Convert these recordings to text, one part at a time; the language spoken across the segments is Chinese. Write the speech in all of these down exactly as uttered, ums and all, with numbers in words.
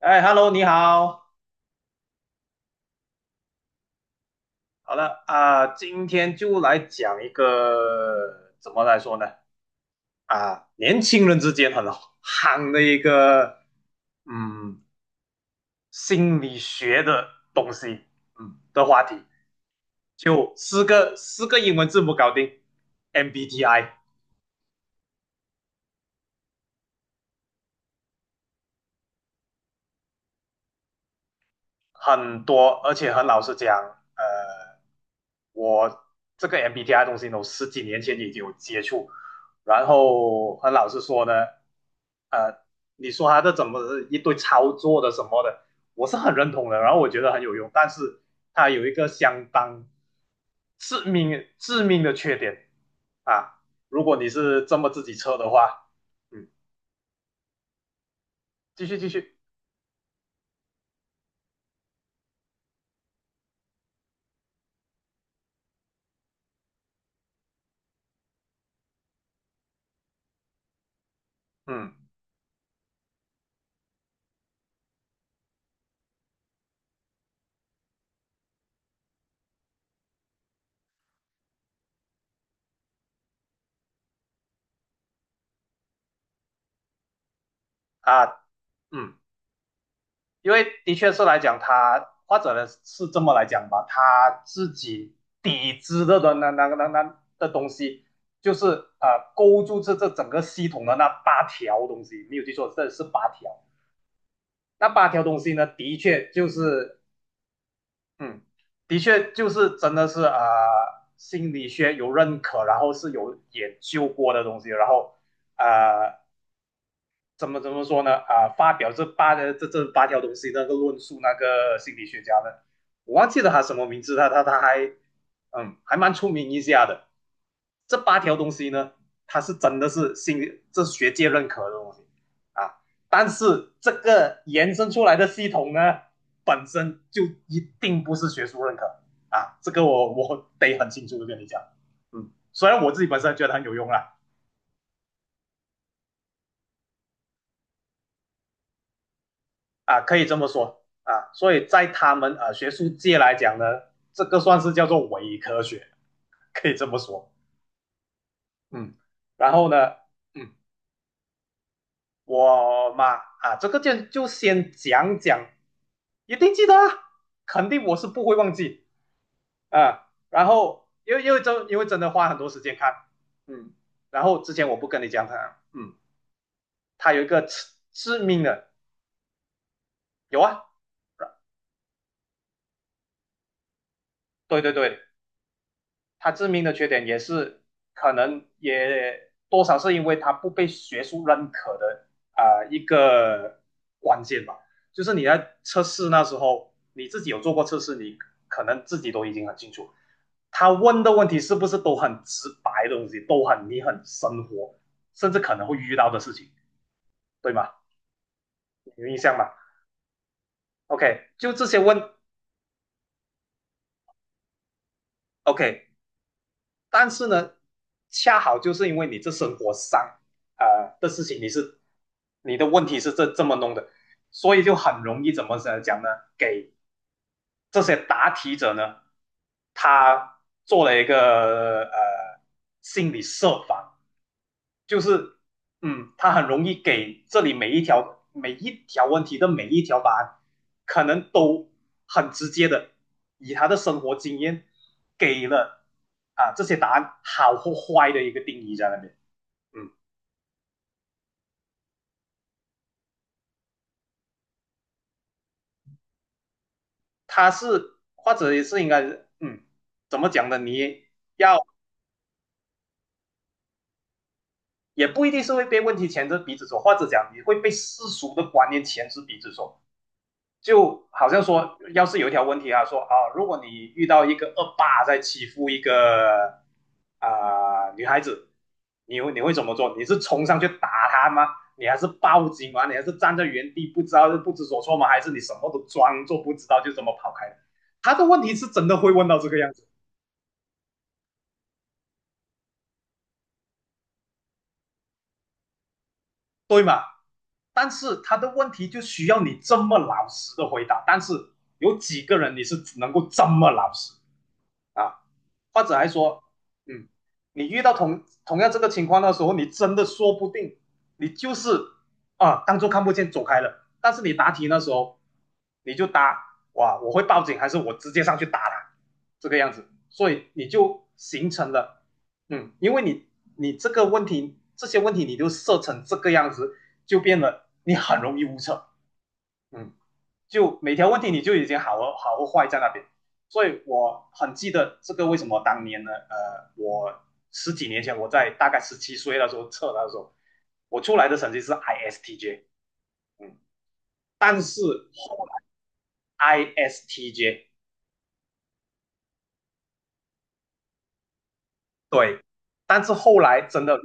哎，Hello，你好。好了啊，今天就来讲一个怎么来说呢？啊，年轻人之间很夯的一个嗯心理学的东西，嗯的话题，就四个四个英文字母搞定，M B T I。很多，而且很老实讲，呃，我这个 M B T I 东西呢，我十几年前已经有接触，然后很老实说呢，呃，你说它这怎么是一堆操作的什么的，我是很认同的，然后我觉得很有用，但是它有一个相当致命致命的缺点啊，如果你是这么自己测的话，嗯，继续继续，嗯啊，嗯。因为的确是来讲，他或者呢是这么来讲吧，他自己底制的的那那那那的东西，就是呃勾住这这整个系统的那八条东西，没有记错，这是八条。那八条东西呢，的确就是嗯，的确就是真的是呃心理学有认可，然后是有研究过的东西，然后呃怎么怎么说呢？啊，发表这八的这这八条东西，那个论述那个心理学家呢，我忘记了他什么名字，他他他还嗯还蛮出名一下的。这八条东西呢，他是真的是心理这是学界认可的东西啊，但是这个延伸出来的系统呢，本身就一定不是学术认可啊，这个我我得很清楚的跟你讲，嗯，虽然我自己本身觉得很有用啦。啊，可以这么说啊。所以在他们呃学术界来讲呢，这个算是叫做伪科学，可以这么说。嗯，然后呢，嗯，我嘛啊，这个就就先讲讲，一定记得啊，肯定我是不会忘记啊。然后因为因为真因为真的花很多时间看，嗯，然后之前我不跟你讲他，嗯，他有一个致致命的有啊，对对对。他致命的缺点也是可能也多少是因为他不被学术认可的啊、呃一个关键吧。就是你在测试那时候，你自己有做过测试，你可能自己都已经很清楚，他问的问题是不是都很直白的东西，都很你很生活，甚至可能会遇到的事情，对吗？有印象吗？OK，就这些问 OK，但是呢，恰好就是因为你这生活上呃的事情，你是你的问题是这这么弄的，所以就很容易怎么讲呢？给这些答题者呢，他做了一个呃心理设防，就是嗯，他很容易给这里每一条每一条问题的每一条答案，可能都很直接的以他的生活经验给了啊这些答案好或坏的一个定义在那边。嗯，他是或者也是应该嗯怎么讲呢？你要也不一定是会被问题牵着鼻子走，或者讲你会被世俗的观念牵着鼻子走。就好像说，要是有一条问题啊，说啊，如果你遇到一个恶霸在欺负一个啊、呃女孩子，你会你会怎么做？你是冲上去打他吗？你还是报警吗？你还是站在原地不知道不知所措吗？还是你什么都装作不知道就这么跑开了。他的问题是真的会问到这个样子，但是他的问题就需要你这么老实的回答。但是有几个人你是能够这么老实啊？或者还说，嗯，你遇到同同样这个情况的时候，你真的说不定你就是啊，当做看不见走开了。但是你答题那时候，你就答哇，我会报警还是我直接上去打他，这个样子，所以你就形成了，嗯，因为你你这个问题这些问题你就设成这个样子，就变得你很容易误测，嗯。就每条问题你就已经好和好和坏在那边。所以我很记得这个为什么当年呢？呃，我十几年前我在大概十七岁的时候测的时候，我出来的成绩是 I S T J，嗯，但是后 I S T J 对，但是后来真的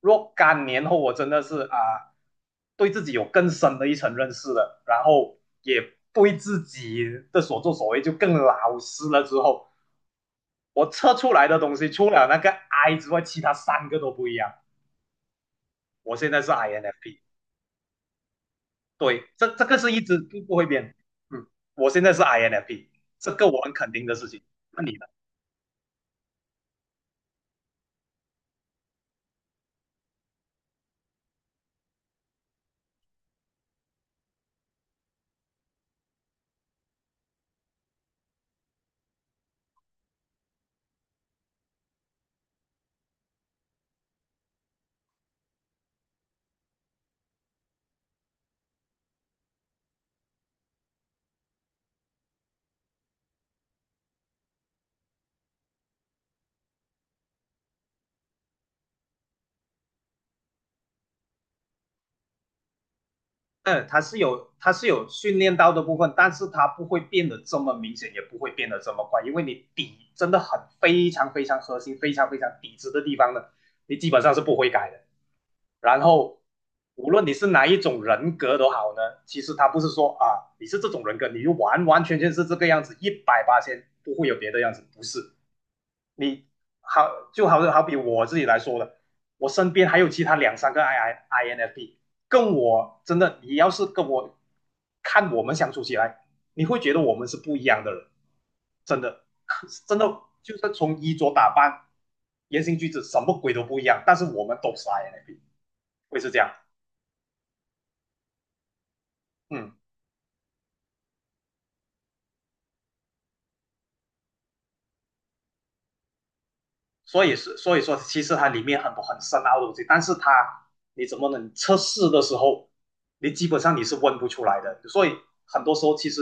若干年后，我真的是啊、呃对自己有更深的一层认识了，然后也对自己的所作所为就更老实了之后，我测出来的东西，除了那个 I 之外，其他三个都不一样。我现在是 I N F P，对，这这个是一直不不会变。嗯，我现在是 I N F P，这个我很肯定的事情。那你呢？嗯，它是有它是有训练到的部分，但是它不会变得这么明显，也不会变得这么快，因为你底真的很非常非常核心、非常非常底子的地方呢，你基本上是不会改的。然后，无论你是哪一种人格都好呢，其实它不是说啊，你是这种人格，你就完完全全是这个样子，一百八千不会有别的样子，不是，你好，就好好比我自己来说的，我身边还有其他两三个 I I I N F P，跟我真的，你要是跟我看我们相处起来，你会觉得我们是不一样的人，真的，真的就是从衣着打扮、言行举止什么鬼都不一样，但是我们都是 I N F P，会是这样，嗯。所以是所以说，其实它里面很多很深奥的东西，但是它你怎么能测试的时候，你基本上你是问不出来的。所以很多时候，其实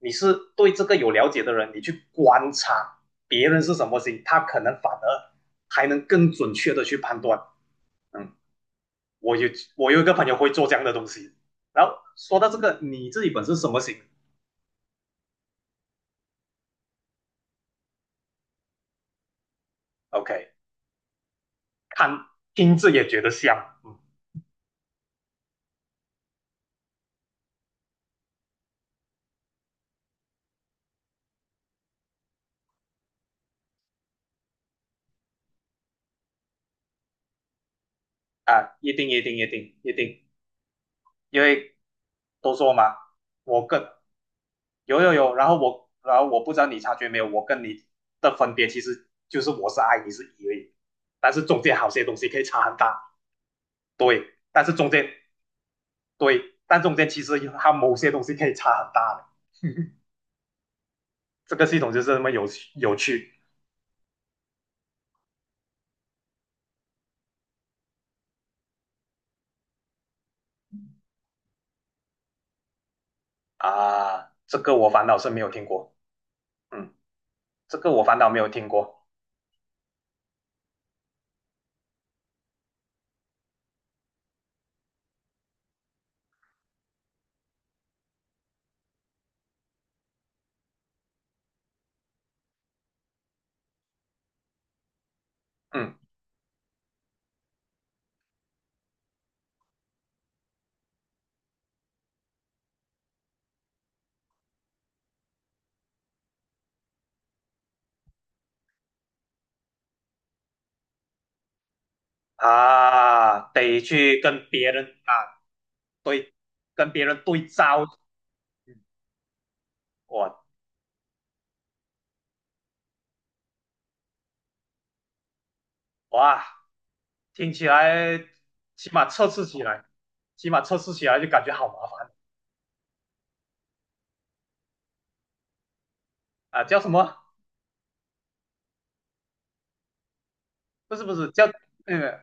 你是对这个有了解的人，你去观察别人是什么心，他可能反而还能更准确的去判断。嗯，我有我有一个朋友会做这样的东西。然后说到这个，你自己本身什么型？OK，看听字也觉得像，嗯啊，一定一定一定一定因为都说嘛，我跟有有有，然后我然后我不知道你察觉没有，我跟你的分别其实就是我是 I，你是 E 而已，但是中间好些东西可以差很大，对，但是中间对，但中间其实它某些东西可以差很大的，这个系统就是那么有趣有趣啊，呃这个我反倒是没有听过，嗯，这个我反倒没有听过，嗯啊，得去跟别人啊，对，跟别人对照。哇哇，听起来起码测试起来，起码测试起来就感觉好麻烦啊！叫什么？不是不是叫那个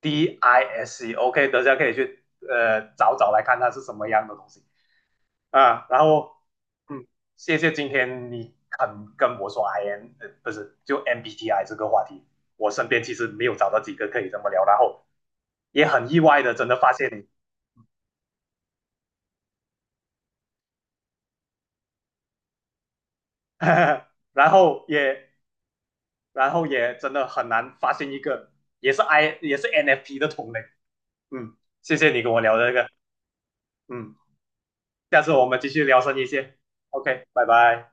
D I S C，OK，等下可以去呃找找来看它是什么样的东西啊。然后嗯，谢谢今天你肯跟我说 I N，呃不是就 M B T I 这个话题，我身边其实没有找到几个可以这么聊，然后也很意外的真的发现你，然后也然后也真的很难发现一个也是 I 也是 N F P 的同类。嗯，谢谢你跟我聊这个。嗯，下次我们继续聊深一些。OK，拜拜。